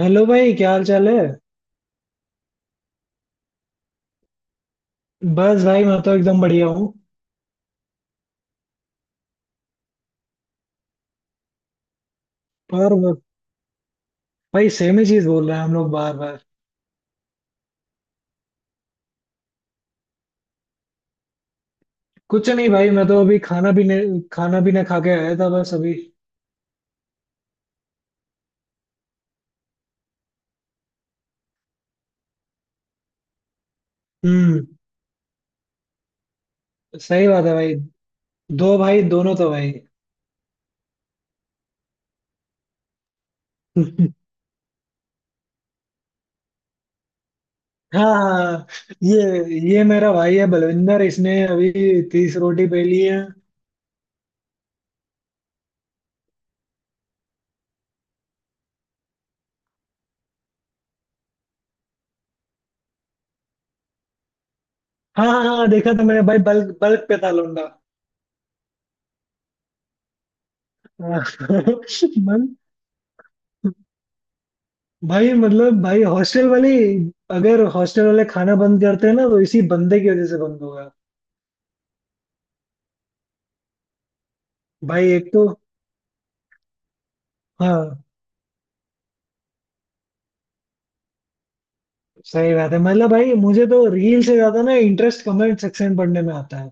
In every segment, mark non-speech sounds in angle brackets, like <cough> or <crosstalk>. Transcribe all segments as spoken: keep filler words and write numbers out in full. Hello भाई, क्या हाल चाल है। बस भाई, मैं तो एकदम बढ़िया हूँ। पर वो- भाई सेम ही चीज बोल रहे हैं हम लोग बार बार। कुछ नहीं भाई, मैं तो अभी खाना भी नहीं खाना भी ना खा के आया था बस अभी। हम्म। सही बात है भाई। दो भाई, दोनों तो भाई। <laughs> हाँ हाँ। ये ये मेरा भाई है बलविंदर, इसने अभी तीस रोटी पे ली है। हाँ हाँ हाँ, देखा था मैंने भाई, बल्क बल्क पे था लौंडा। <laughs> हाँ। मन। भाई, मतलब भाई हॉस्टल वाले, अगर हॉस्टल वाले खाना बंद करते हैं ना तो इसी बंदे की वजह से बंद होगा। भाई एक तो। हाँ। सही बात है, मतलब भाई मुझे तो रील से ज्यादा ना इंटरेस्ट कमेंट सेक्शन पढ़ने में आता है।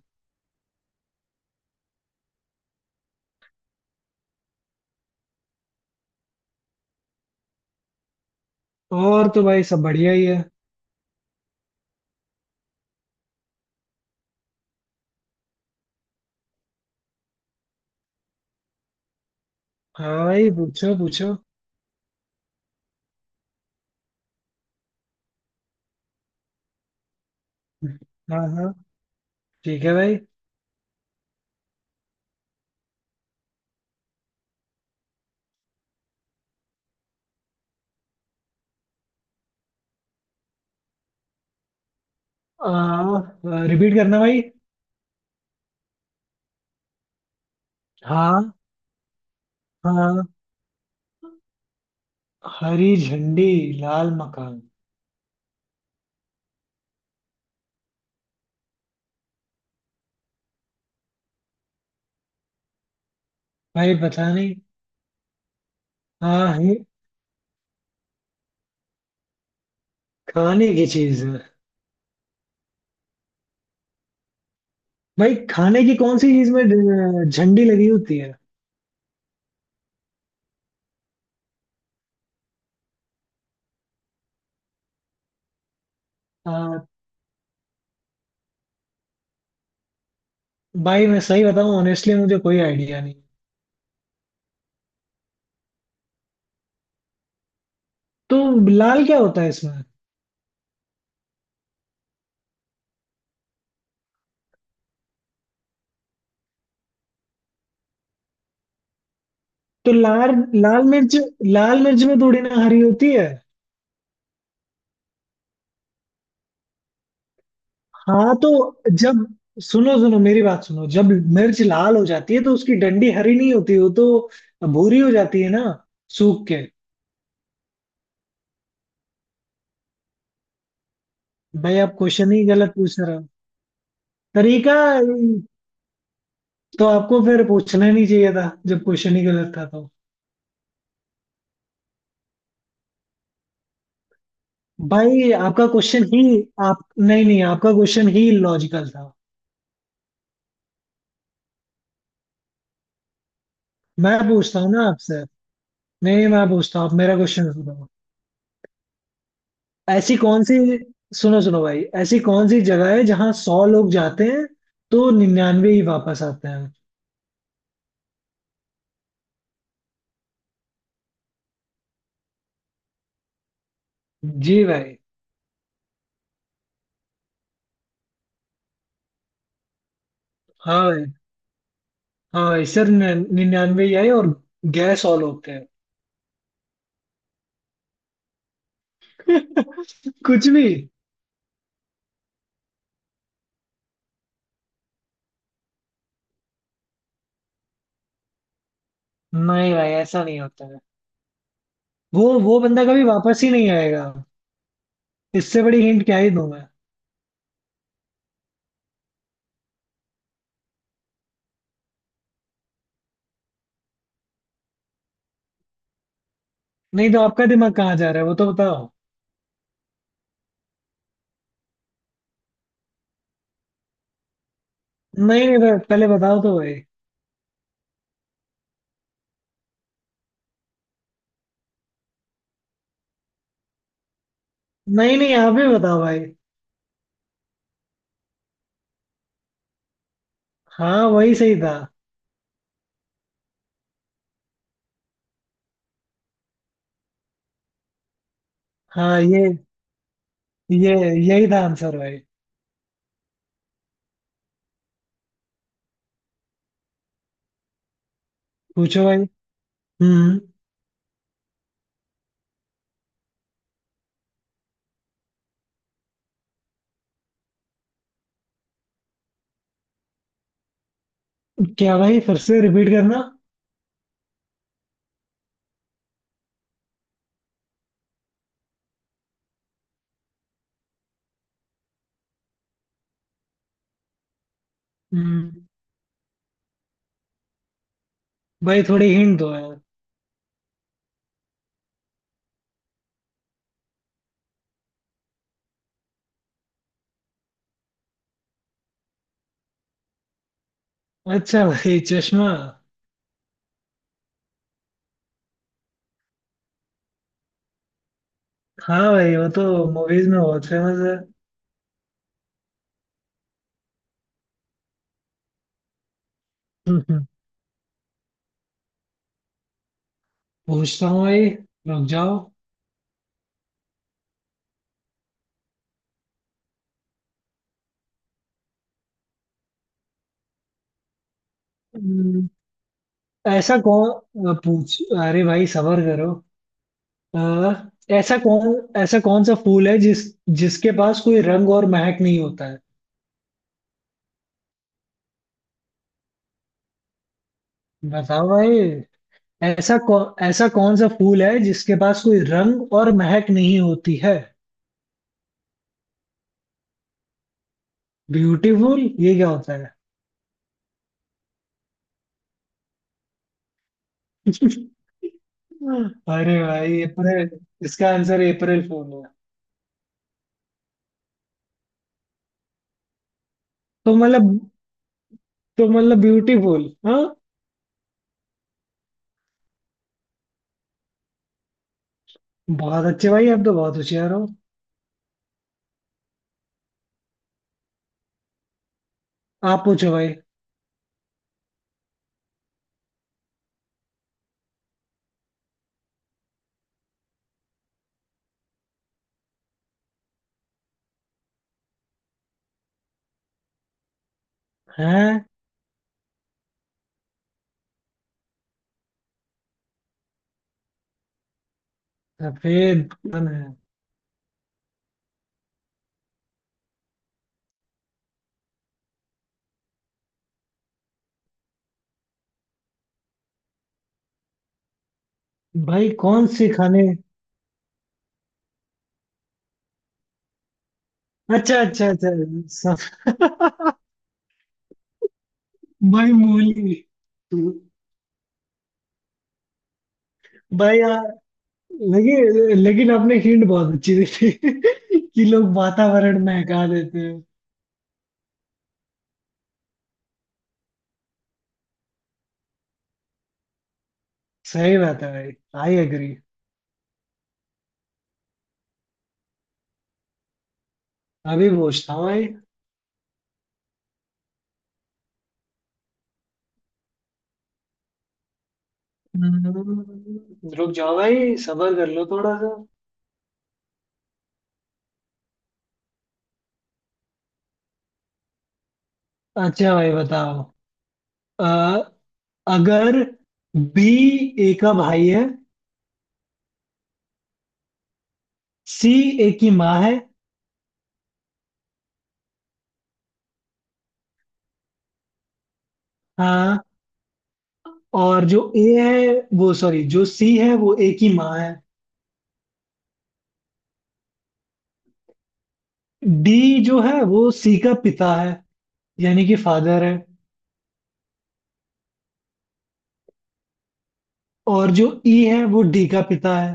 और तो भाई सब बढ़िया ही है। हाँ भाई, पूछो पूछो। हाँ हाँ, ठीक है भाई। आ, रिपीट करना भाई। हाँ हाँ। हरी झंडी, लाल मकान। भाई पता नहीं। हाँ, ये खाने की चीज है। भाई खाने की कौन सी चीज में ड- झंडी लगी होती है। आ, भाई मैं सही बताऊं, ऑनेस्टली मुझे कोई आइडिया नहीं। तो लाल क्या होता है इसमें। तो लाल लाल मिर्च। लाल मिर्च में थोड़ी ना हरी होती है। हाँ तो, जब सुनो सुनो मेरी बात सुनो, जब मिर्च लाल हो जाती है तो उसकी डंडी हरी नहीं होती, वो तो भूरी हो जाती है ना, सूख के। भाई आप क्वेश्चन ही गलत पूछ रहे हो। तरीका, तो आपको फिर पूछना ही नहीं चाहिए था जब क्वेश्चन ही गलत था तो। भाई आपका क्वेश्चन ही आप, नहीं नहीं, आपका क्वेश्चन ही लॉजिकल था। मैं पूछता हूँ ना आपसे, नहीं नहीं, मैं पूछता हूँ, आप मेरा क्वेश्चन सुनो। ऐसी कौन सी सुनो सुनो भाई, ऐसी कौन सी जगह है जहाँ सौ लोग जाते हैं तो निन्यानवे ही वापस आते हैं। जी भाई। हाँ भाई, हाँ भाई सर, निन्यानवे ही आए और गए, सौ लोग थे। <laughs> कुछ भी। नहीं भाई, ऐसा नहीं होता है। वो वो बंदा कभी वापस ही नहीं आएगा। इससे बड़ी हिंट क्या ही दूं मैं। नहीं, तो आपका दिमाग कहाँ जा रहा है वो तो बताओ। नहीं नहीं, तो पहले बताओ तो भाई। नहीं नहीं, आप ही बताओ भाई। हाँ, वही सही था। हाँ, ये ये यही था आंसर भाई। पूछो भाई। हम्म। क्या भाई, फिर से रिपीट करना। हम्म भाई थोड़ी हिंट दो यार। अच्छा भाई, चश्मा। हाँ भाई, वो तो मूवीज में बहुत फेमस है। हम्म, पूछता हूँ भाई, रुक जाओ। हम्म, ऐसा कौन पूछ अरे भाई सबर करो। आ, ऐसा कौन ऐसा कौन सा फूल है जिस जिसके पास कोई रंग और महक नहीं होता है, बताओ भाई। ऐसा कौ, ऐसा कौन सा फूल है जिसके पास कोई रंग और महक नहीं होती है। ब्यूटीफुल ये क्या होता है। <laughs> अरे भाई अप्रैल, इसका आंसर अप्रैल फूल है। तो मतलब तो मतलब ब्यूटीफुल, हाँ। बहुत अच्छे भाई, आप तो बहुत होशियार हो। आप पूछो भाई। हैं? सफेद कौन है? भाई कौन से खाने? अच्छा अच्छा अच्छा। सब। <laughs> भाई मूली। भाई यार, लेकिन लेकिन आपने हिंट बहुत अच्छी दी थी <laughs> कि लोग वातावरण महका देते हैं। सही बात है भाई, आई एग्री। अभी पूछता हूँ भाई। हम्म, रुक जाओ भाई, सबर कर लो थोड़ा सा। अच्छा भाई, बताओ। अ, अगर बी ए का भाई है, सी ए की माँ है, हाँ, और जो ए है वो, सॉरी, जो सी है वो ए की माँ है, डी जो है वो सी का पिता है यानी कि फादर है, और जो ई है वो डी का पिता है,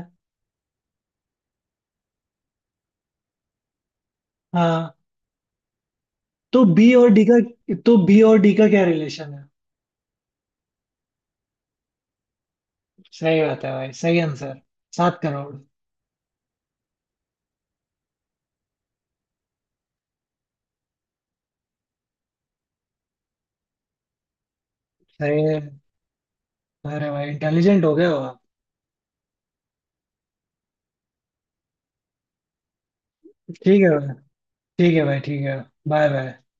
हाँ, तो बी और डी का तो बी और डी का क्या रिलेशन है। सही बात है भाई, सही आंसर। सात करोड़। सही है। अरे भाई, इंटेलिजेंट हो गए हो आप। ठीक है भाई, ठीक है भाई, ठीक है। Bye bye.